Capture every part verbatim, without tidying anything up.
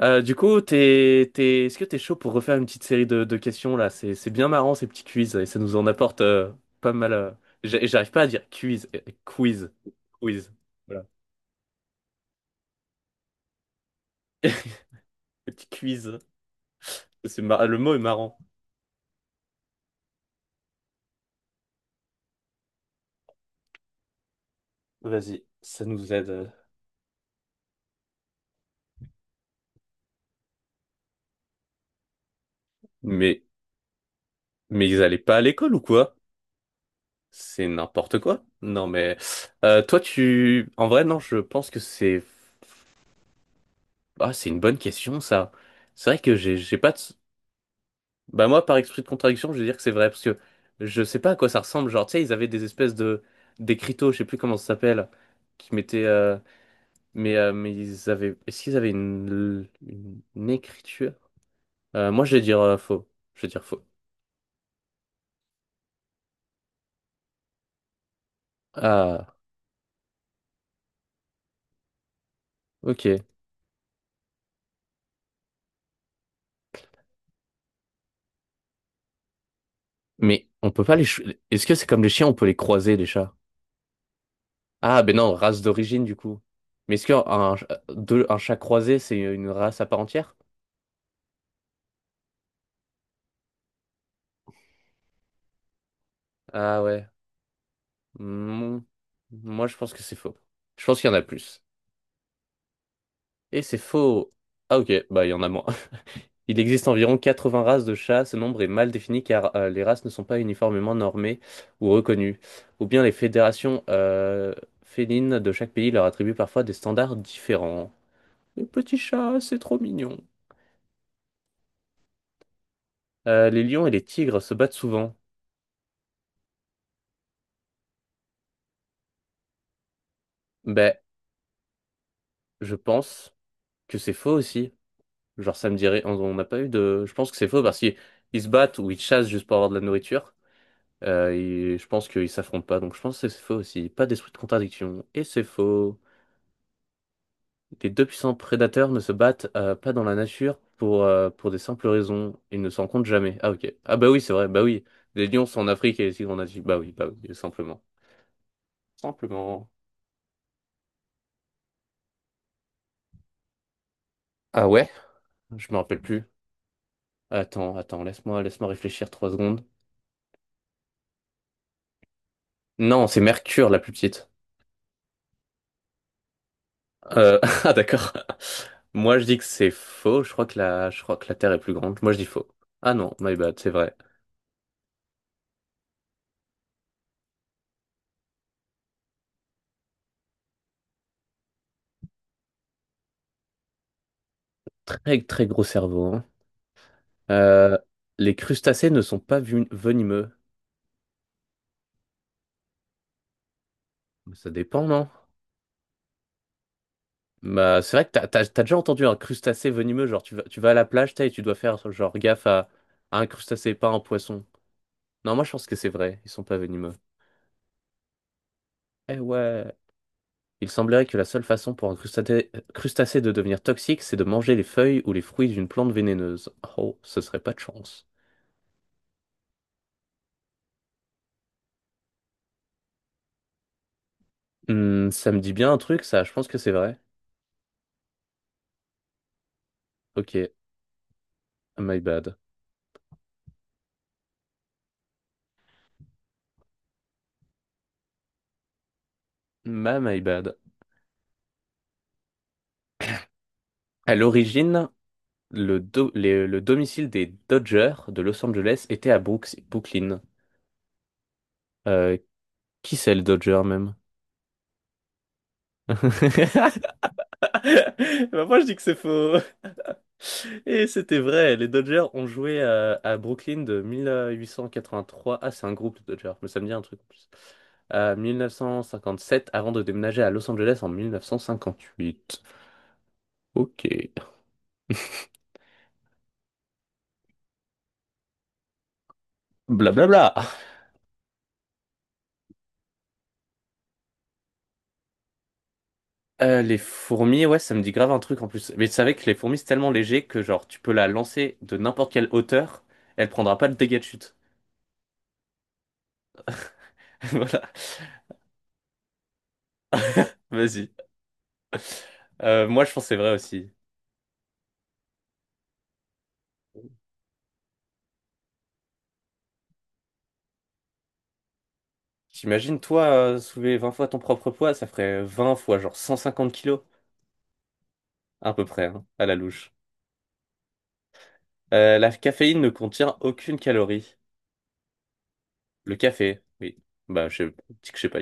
Euh, du coup, t'es, t'es, est-ce que t'es chaud pour refaire une petite série de, de questions là? C'est, c'est bien marrant ces petits quiz et ça nous en apporte euh, pas mal. euh, j'a- J'arrive pas à dire quiz, euh, quiz, quiz. Voilà. Petit quiz. C'est mar- Le mot est marrant. Vas-y, ça nous aide. euh. Mais, mais ils allaient pas à l'école ou quoi? C'est n'importe quoi. Non mais, euh, toi tu, en vrai non, je pense que c'est, ah c'est une bonne question ça. C'est vrai que j'ai, j'ai pas de. Bah moi, par esprit de contradiction, je vais dire que c'est vrai, parce que je sais pas à quoi ça ressemble. Genre, tu sais, ils avaient des espèces de d'écriteaux, je sais plus comment ça s'appelle, qui mettaient. euh, Mais, euh, mais ils avaient. Est-ce qu'ils avaient une, une, une écriture? Euh, moi, je vais dire euh, faux. Je vais dire faux. Ah, ok. Mais on peut pas les. ch- Est-ce que c'est comme les chiens, on peut les croiser, les chats? Ah, ben non, race d'origine, du coup. Mais est-ce qu'un un, deux- un chat croisé, c'est une race à part entière? Ah ouais. Mm. Moi, je pense que c'est faux. Je pense qu'il y en a plus. Et c'est faux. Ah ok, bah il y en a moins. Il existe environ quatre-vingts races de chats. Ce nombre est mal défini car euh, les races ne sont pas uniformément normées ou reconnues. Ou bien les fédérations euh, félines de chaque pays leur attribuent parfois des standards différents. Les petits chats, c'est trop mignon. Euh, les lions et les tigres se battent souvent. Ben, je pense que c'est faux aussi. Genre ça me dirait, on on n'a pas eu de. Je pense que c'est faux parce qu'ils ils se battent ou ils chassent juste pour avoir de la nourriture. Euh, et je pense qu'ils s'affrontent pas, donc je pense que c'est faux aussi. Pas d'esprit de contradiction. Et c'est faux. Les deux puissants prédateurs ne se battent euh, pas dans la nature pour, euh, pour des simples raisons. Ils ne se rencontrent jamais. Ah ok. Ah bah oui, c'est vrai, bah oui. Les lions sont en Afrique et les tigres en Asie. Bah oui, bah oui, simplement. Simplement. Ah ouais? Je me rappelle plus. Attends, attends, laisse-moi laisse-moi réfléchir trois secondes. Non, c'est Mercure la plus petite. Euh, ah d'accord. Moi je dis que c'est faux. Je crois que la je crois que la Terre est plus grande. Moi je dis faux. Ah non, my bad, c'est vrai. Très, très gros cerveau, hein. Euh, les crustacés ne sont pas vu- venimeux. Ça dépend, non? Bah, c'est vrai que t'as, t'as- t'as déjà entendu un crustacé venimeux, genre tu vas, tu vas à la plage, t'as, et tu dois faire genre gaffe à, à un crustacé, pas un poisson. Non, moi je pense que c'est vrai, ils sont pas venimeux. Eh ouais. Il semblerait que la seule façon pour un crustacé, crustacé de devenir toxique, c'est de manger les feuilles ou les fruits d'une plante vénéneuse. Oh, ce serait pas de chance. Hmm, ça me dit bien un truc, ça, je pense que c'est vrai. Ok, my bad. Ma My bad. À l'origine, le, do- les- le domicile des Dodgers de Los Angeles était à Brooks- Brooklyn. Euh, qui c'est le Dodger même? Bah, moi je dis que c'est faux. Et c'était vrai, les Dodgers ont joué à, à Brooklyn de mille huit cent quatre-vingt-trois. Ah, c'est un groupe, les Dodgers, mais ça me dit un truc en plus. À mille neuf cent cinquante-sept avant de déménager à Los Angeles en mille neuf cent cinquante-huit. Ok. Blablabla. Euh, les fourmis, ouais, ça me dit grave un truc en plus. Mais tu savais que les fourmis, c'est tellement léger que genre tu peux la lancer de n'importe quelle hauteur, elle prendra pas le dégât de chute. Voilà. Vas-y. Euh, moi, je pense que c'est vrai aussi. T'imagines, toi, euh, soulever vingt fois ton propre poids, ça ferait vingt fois genre cent cinquante kilos, à peu près, hein, à la louche. Euh, la caféine ne contient aucune calorie. Le café, oui. Bah, je dis que je sais pas.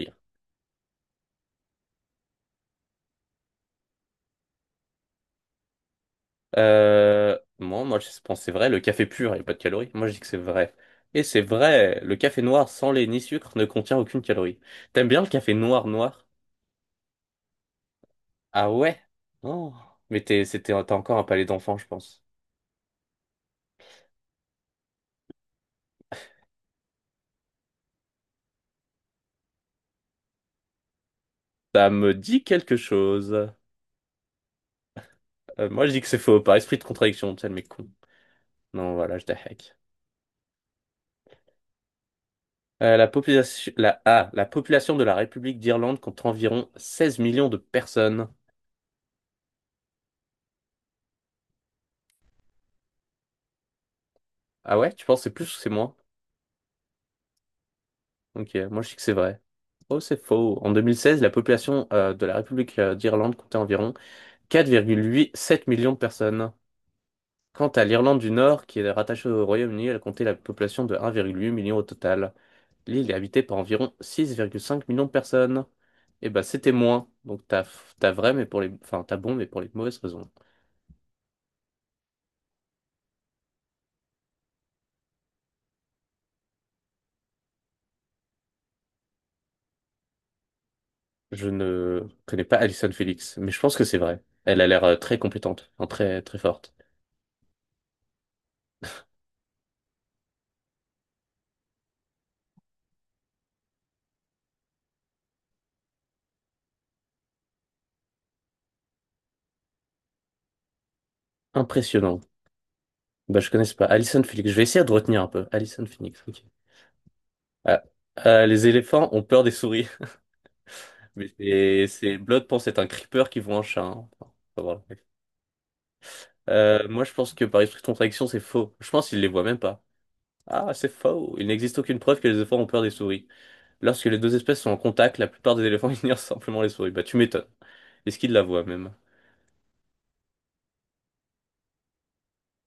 Euh, moi, moi, je pense que c'est vrai. Le café pur, il n'y a pas de calories. Moi, je dis que c'est vrai. Et c'est vrai, le café noir sans lait ni sucre ne contient aucune calorie. T'aimes bien le café noir noir? Ah ouais? Oh. Mais t'es, c'était, t'as encore un palais d'enfant, je pense. Ça me dit quelque chose. Euh, moi, je dis que c'est faux, par esprit de contradiction, tu sais, le mec con. Non, voilà, je hack. Euh, la population, la, ah, la population de la République d'Irlande compte environ seize millions de personnes. Ah ouais? Tu penses que c'est plus ou c'est moins? Ok, moi je sais que c'est vrai. Oh, c'est faux. En deux mille seize, la population euh, de la République euh, d'Irlande comptait environ 4,87 millions de personnes. Quant à l'Irlande du Nord, qui est rattachée au Royaume-Uni, elle comptait la population de 1,8 million au total. L'île est habitée par environ 6,5 millions de personnes. Et bah c'était moins. Donc t'as t'as vrai, mais pour les, enfin t'as bon, mais pour les mauvaises raisons. Je ne connais pas Alison Felix, mais je pense que c'est vrai. Elle a l'air euh, très compétente, enfin, très très forte. Impressionnant. Bah, je connais pas. Alison Phoenix. Je vais essayer de retenir un peu. Alison Phoenix. Ok. Ah, ah, les éléphants ont peur des souris. Mais c'est c'est- Blood pense être un creeper qui voit un chat, hein. Enfin, faut voir le mec. Euh, moi, je pense que par esprit de contradiction, c'est faux. Je pense qu'il les voit même pas. Ah, c'est faux. Il n'existe aucune preuve que les éléphants ont peur des souris. Lorsque les deux espèces sont en contact, la plupart des éléphants ignorent simplement les souris. Bah, tu m'étonnes. Est-ce qu'ils la voient même?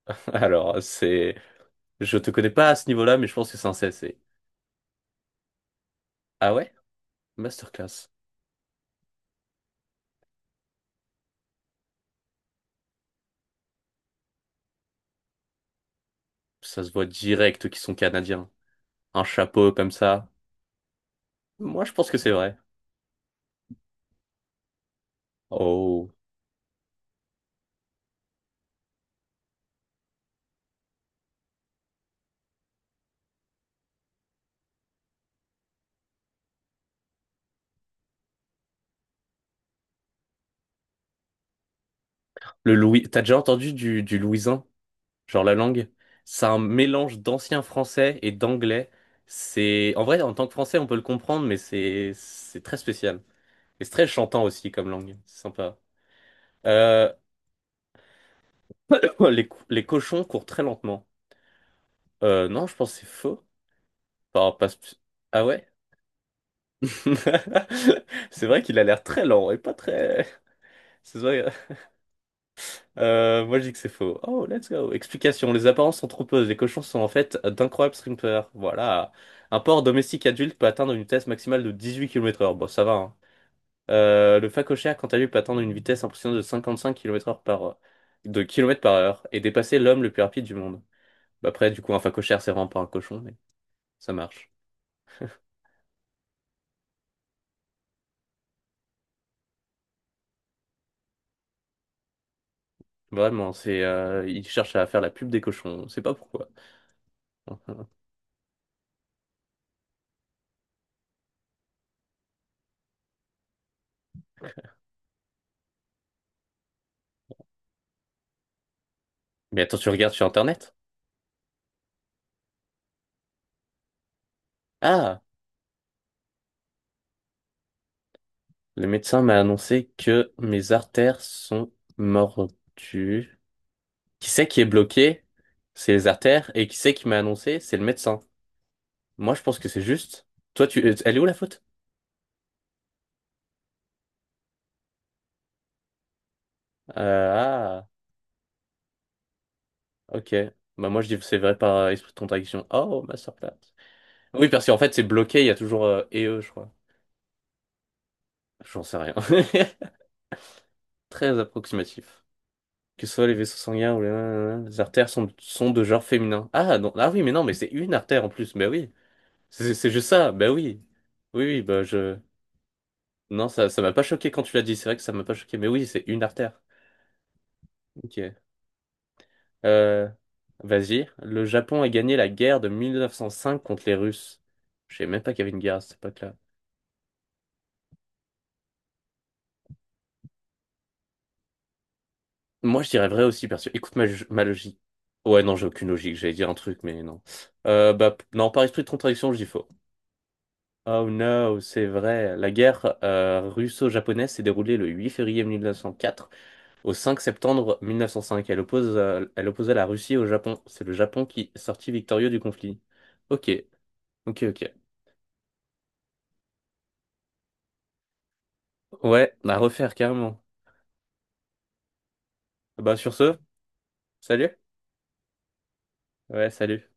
Alors, c'est. Je te connais pas à ce niveau-là, mais je pense que c'est un C S C. Ah ouais? Masterclass. Ça se voit direct qu'ils sont canadiens. Un chapeau comme ça. Moi, je pense que c'est vrai. Oh. Le Louis. T'as déjà entendu du, du louisin? Genre la langue? C'est un mélange d'ancien français et d'anglais. C'est. En vrai, en tant que français, on peut le comprendre, mais c'est c'est très spécial. Et c'est très chantant aussi comme langue. C'est sympa. Euh, Les, co- les cochons courent très lentement. Euh, non, je pense que c'est faux. Enfin. Pas sp- Ah ouais? C'est vrai qu'il a l'air très lent et pas très. C'est vrai. Euh, moi, je dis que c'est faux. Oh, let's go. Explication. Les apparences sont trompeuses. Les cochons sont en fait d'incroyables strippers. Voilà. Un porc domestique adulte peut atteindre une vitesse maximale de dix-huit kilomètres heure. Bon, ça va, hein. Euh, le phacochère, quant à lui, peut atteindre une vitesse impressionnante de cinquante-cinq kilomètres heure par, de kilomètres par heure et dépasser l'homme le plus rapide du monde. Bah, après, du coup, un phacochère, c'est vraiment pas un cochon, mais ça marche. Vraiment, c'est, euh, il cherche à faire la pub des cochons. On sait pas pourquoi. Mais attends, tu regardes sur Internet? Ah! Le médecin m'a annoncé que mes artères sont mordues. Qui c'est qui est bloqué? C'est les artères. Et qui c'est qui m'a annoncé? C'est le médecin. Moi, je pense que c'est juste. Toi, tu... euh, Elle est où la faute? Euh, ah, ok. Bah moi, je dis que c'est vrai par esprit de contradiction. Oh, ma sœur. Oui, parce qu'en fait, c'est bloqué, il y a toujours euh, et eux, je crois. J'en sais rien. Très approximatif. Que ce soit les vaisseaux sanguins ou les, les artères sont, sont de genre féminin. Ah, non. Ah oui, mais non, mais c'est une artère en plus. Mais oui. C'est c'est juste ça, ben oui. Oui, oui, bah je. Non, ça, ça m'a pas choqué quand tu l'as dit, c'est vrai que ça m'a pas choqué, mais oui, c'est une artère. Ok. Euh, Vas-y. Le Japon a gagné la guerre de mille neuf cent cinq contre les Russes. Je savais même pas qu'il y avait une guerre à cette époque-là. Moi, je dirais vrai aussi, parce que écoute ma, ma logique. Ouais, non, j'ai aucune logique, j'allais dire un truc, mais non. Euh, bah, p- non, par esprit de contradiction, je dis faux. Oh no, c'est vrai. La guerre euh, russo-japonaise s'est déroulée le huit février mille neuf cent quatre au cinq septembre mille neuf cent cinq, elle oppose, euh, elle opposa la Russie au Japon. C'est le Japon qui sortit victorieux du conflit. Ok, ok, ok. Ouais, à refaire carrément. Bah sur ce, salut. Ouais, salut.